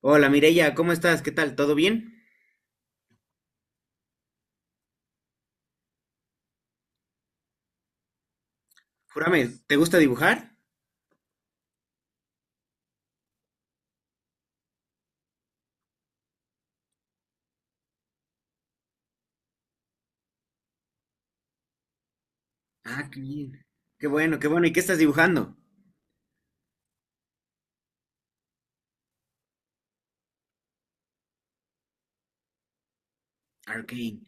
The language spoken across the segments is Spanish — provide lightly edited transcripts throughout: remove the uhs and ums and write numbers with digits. Hola Mireya, ¿cómo estás? ¿Qué tal? ¿Todo bien? Júrame, ¿te gusta dibujar? Ah, qué bien. Qué bueno, qué bueno. ¿Y qué estás dibujando? Arcane.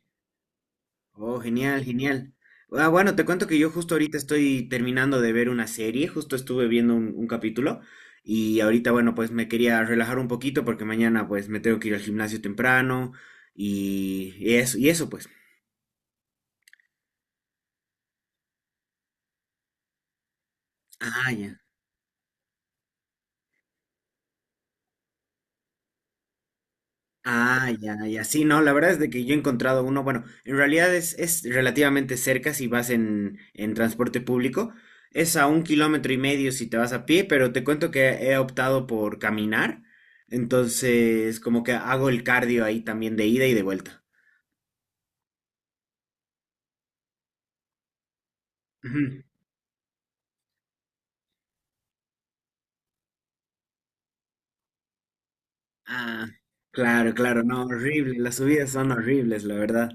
Oh, genial, genial. Ah, bueno, te cuento que yo justo ahorita estoy terminando de ver una serie, justo estuve viendo un capítulo y ahorita, bueno, pues me quería relajar un poquito porque mañana pues me tengo que ir al gimnasio temprano y eso, y eso pues. Ah, ya. Ah, ya, ya. Sí, no, la verdad es de que yo he encontrado uno, bueno, en realidad es relativamente cerca si vas en transporte público. Es a un kilómetro y medio si te vas a pie, pero te cuento que he optado por caminar. Entonces, como que hago el cardio ahí también de ida y de vuelta. Ujú. Ah, claro, claro, no, horrible. Las subidas son horribles, la verdad.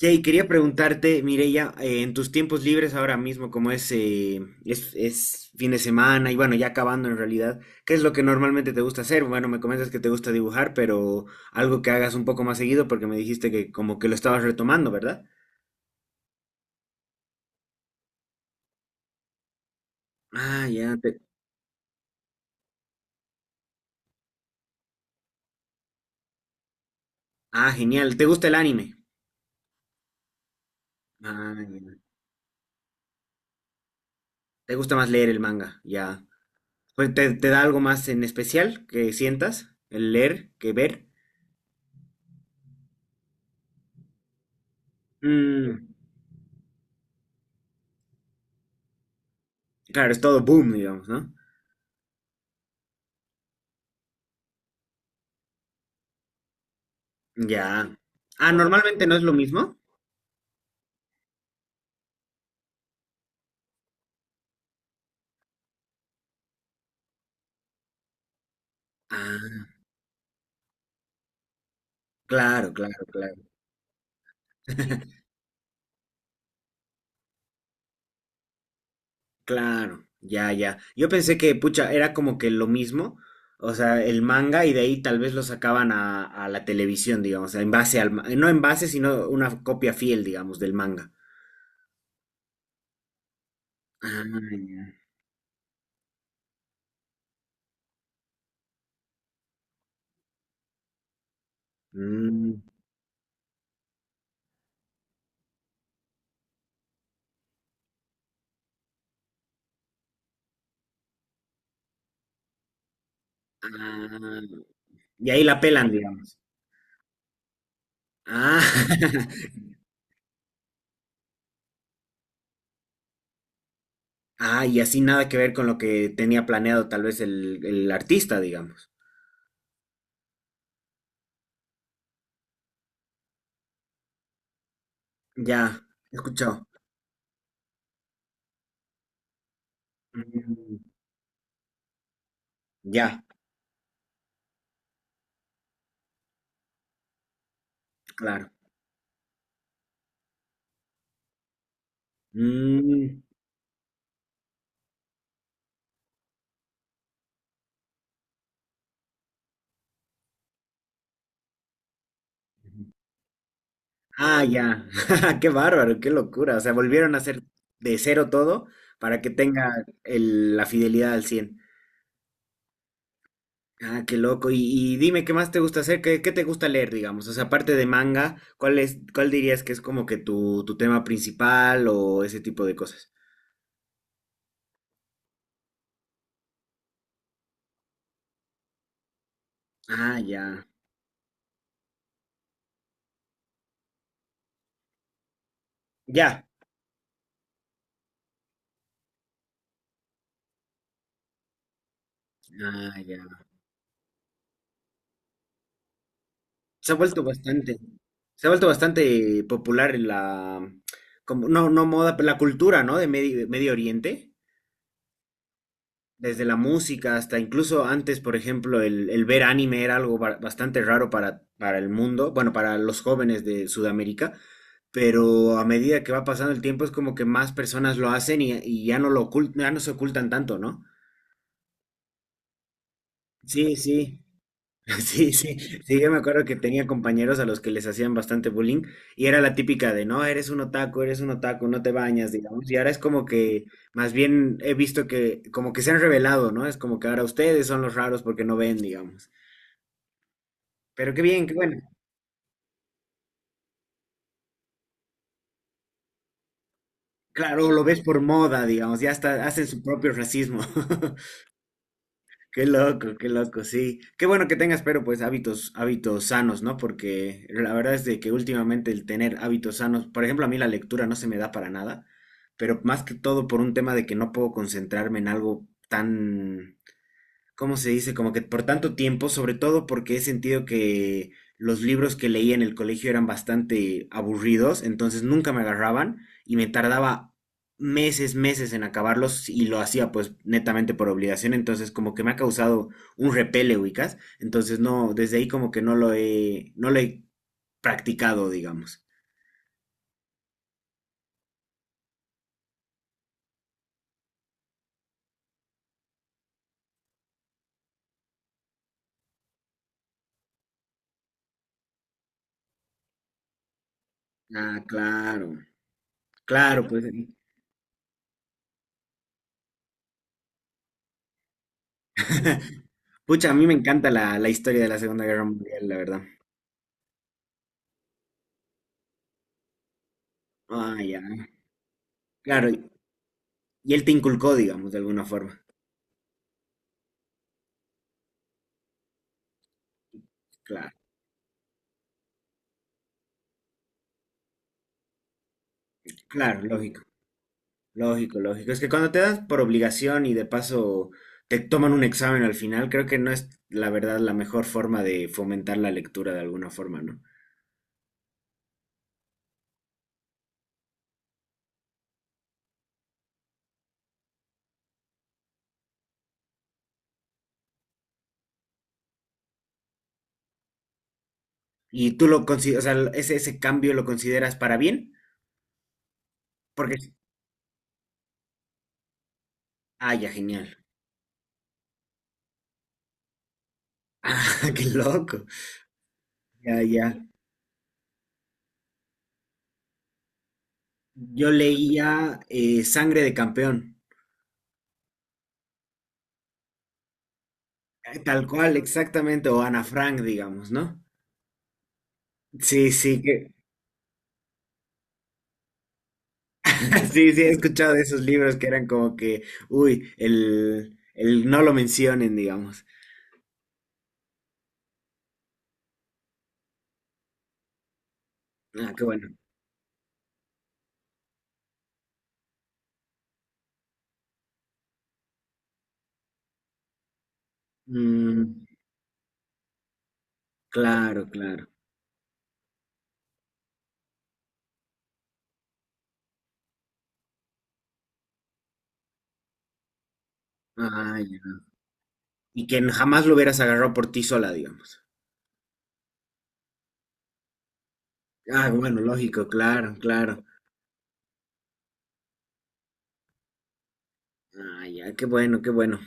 Jay, quería preguntarte, Mireya, en tus tiempos libres ahora mismo, como es fin de semana y bueno, ya acabando en realidad, ¿qué es lo que normalmente te gusta hacer? Bueno, me comentas que te gusta dibujar, pero algo que hagas un poco más seguido porque me dijiste que como que lo estabas retomando, ¿verdad? Ah, ya, ah, genial. ¿Te gusta el anime? Ah, ya. ¿Te gusta más leer el manga? Ya. Pues, ¿te, te da algo más en especial que sientas el leer que ver? Mm, claro, es todo boom, digamos, ¿no? Ya. Ah, normalmente no es lo mismo. Ah, claro, claro, claro. Claro, ya, ya. Yo pensé que, pucha, era como que lo mismo, o sea, el manga y de ahí tal vez lo sacaban a la televisión, digamos, en base al, no en base, sino una copia fiel, digamos, del manga. Ah, ya. Mm, ah, y ahí la pelan, digamos. Ah, ah, y así nada que ver con lo que tenía planeado tal vez el artista, digamos. Ya, escuchado. Mm, ya, claro. Mm, ah, ya. Qué bárbaro, qué locura. O sea, volvieron a hacer de cero todo para que tenga la fidelidad al 100. Ah, qué loco. Y dime, ¿qué más te gusta hacer? ¿Qué, qué te gusta leer, digamos? O sea, aparte de manga, ¿cuál es, cuál dirías que es como que tu tema principal o ese tipo de cosas? Ah, ya. Ya. Ah, ya. Se ha vuelto bastante, se ha vuelto bastante popular en la, como, no, no moda, pero la cultura, ¿no? De Medio, Medio Oriente, desde la música hasta incluso antes, por ejemplo, el ver anime era algo bastante raro para el mundo, bueno, para los jóvenes de Sudamérica, pero a medida que va pasando el tiempo es como que más personas lo hacen y ya no lo ya no se ocultan tanto, ¿no? Sí, sí. Sí, sí, sí, yo me acuerdo que tenía compañeros a los que les hacían bastante bullying y era la típica de, no, eres un otaku, no te bañas, digamos, y ahora es como que, más bien he visto que, como que se han revelado, ¿no? Es como que ahora ustedes son los raros porque no ven, digamos. Pero qué bien, qué bueno. Claro, lo ves por moda, digamos, ya hasta hacen su propio racismo. Qué loco, sí. Qué bueno que tengas, pero pues hábitos, hábitos sanos, ¿no? Porque la verdad es de que últimamente el tener hábitos sanos, por ejemplo, a mí la lectura no se me da para nada, pero más que todo por un tema de que no puedo concentrarme en algo tan ¿cómo se dice? Como que por tanto tiempo, sobre todo porque he sentido que los libros que leía en el colegio eran bastante aburridos, entonces nunca me agarraban y me tardaba meses, meses en acabarlos y lo hacía pues netamente por obligación, entonces como que me ha causado un repele, ubicas, entonces no, desde ahí como que no lo he, no lo he practicado, digamos. Ah, claro, claro, bueno, pues. Pucha, a mí me encanta la, la historia de la Segunda Guerra Mundial, la verdad. Ah, ya, claro. Y él te inculcó, digamos, de alguna forma. Claro, claro, lógico, lógico, lógico. Es que cuando te das por obligación y de paso te toman un examen al final, creo que no es la verdad la mejor forma de fomentar la lectura de alguna forma, ¿no? Y tú lo consideras, o sea, ese cambio lo consideras para bien, porque, ah, ya, genial. Ah, qué loco. Ya, ya. Yo leía Sangre de Campeón, tal cual, exactamente, o Ana Frank, digamos, ¿no? Sí, sí, que, sí, sí, he escuchado de esos libros que eran como que, uy, el no lo mencionen, digamos. Ah, qué bueno. Mm, claro, claro. Ah, ya. Y que jamás lo hubieras agarrado por ti sola, digamos. Ah, bueno, lógico, claro, claro. Ah, ya, qué bueno, qué bueno.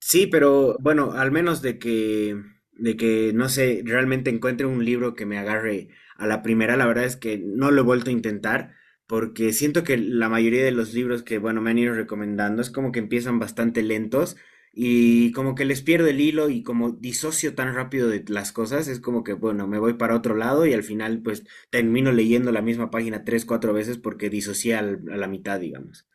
Sí, pero bueno, al menos de que, no sé, realmente encuentre un libro que me agarre a la primera, la verdad es que no lo he vuelto a intentar, porque siento que la mayoría de los libros que, bueno, me han ido recomendando es como que empiezan bastante lentos y como que les pierdo el hilo y como disocio tan rápido de las cosas, es como que, bueno, me voy para otro lado y al final pues termino leyendo la misma página tres, cuatro veces porque disocié a la mitad, digamos.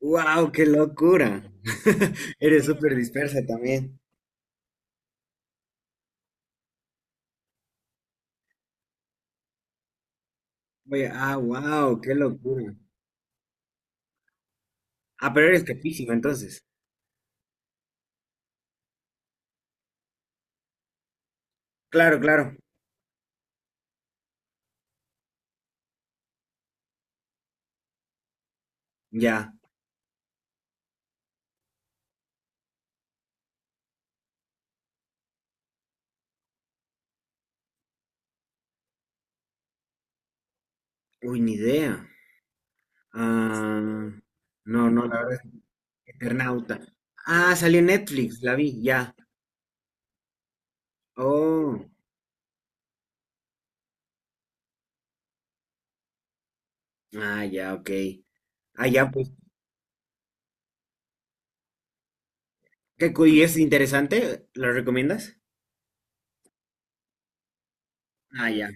Wow, qué locura. Eres sí, súper dispersa también. Oye, ah, wow, qué locura. Ah, pero eres capísima entonces. Claro, claro. Ya. Uy, ni idea. Ah, no, no, la verdad es que Eternauta. Ah, salió en Netflix, la vi, ya. Oh, ah, ya, ok. Ah, ya, pues, ¿qué y es interesante? ¿Lo recomiendas? Ah, ya,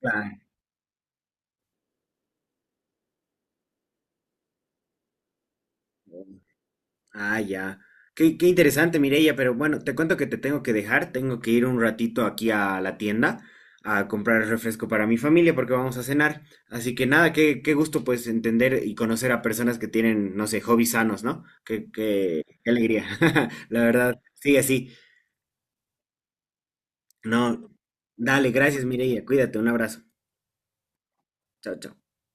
claro. Ah, ya. Qué, qué interesante, Mireia, pero bueno, te cuento que te tengo que dejar, tengo que ir un ratito aquí a la tienda a comprar refresco para mi familia porque vamos a cenar. Así que nada, qué, qué gusto pues entender y conocer a personas que tienen, no sé, hobbies sanos, ¿no? Qué, qué, qué alegría. La verdad, sigue así. No, dale, gracias, Mireia, cuídate, un abrazo. Chao, chao.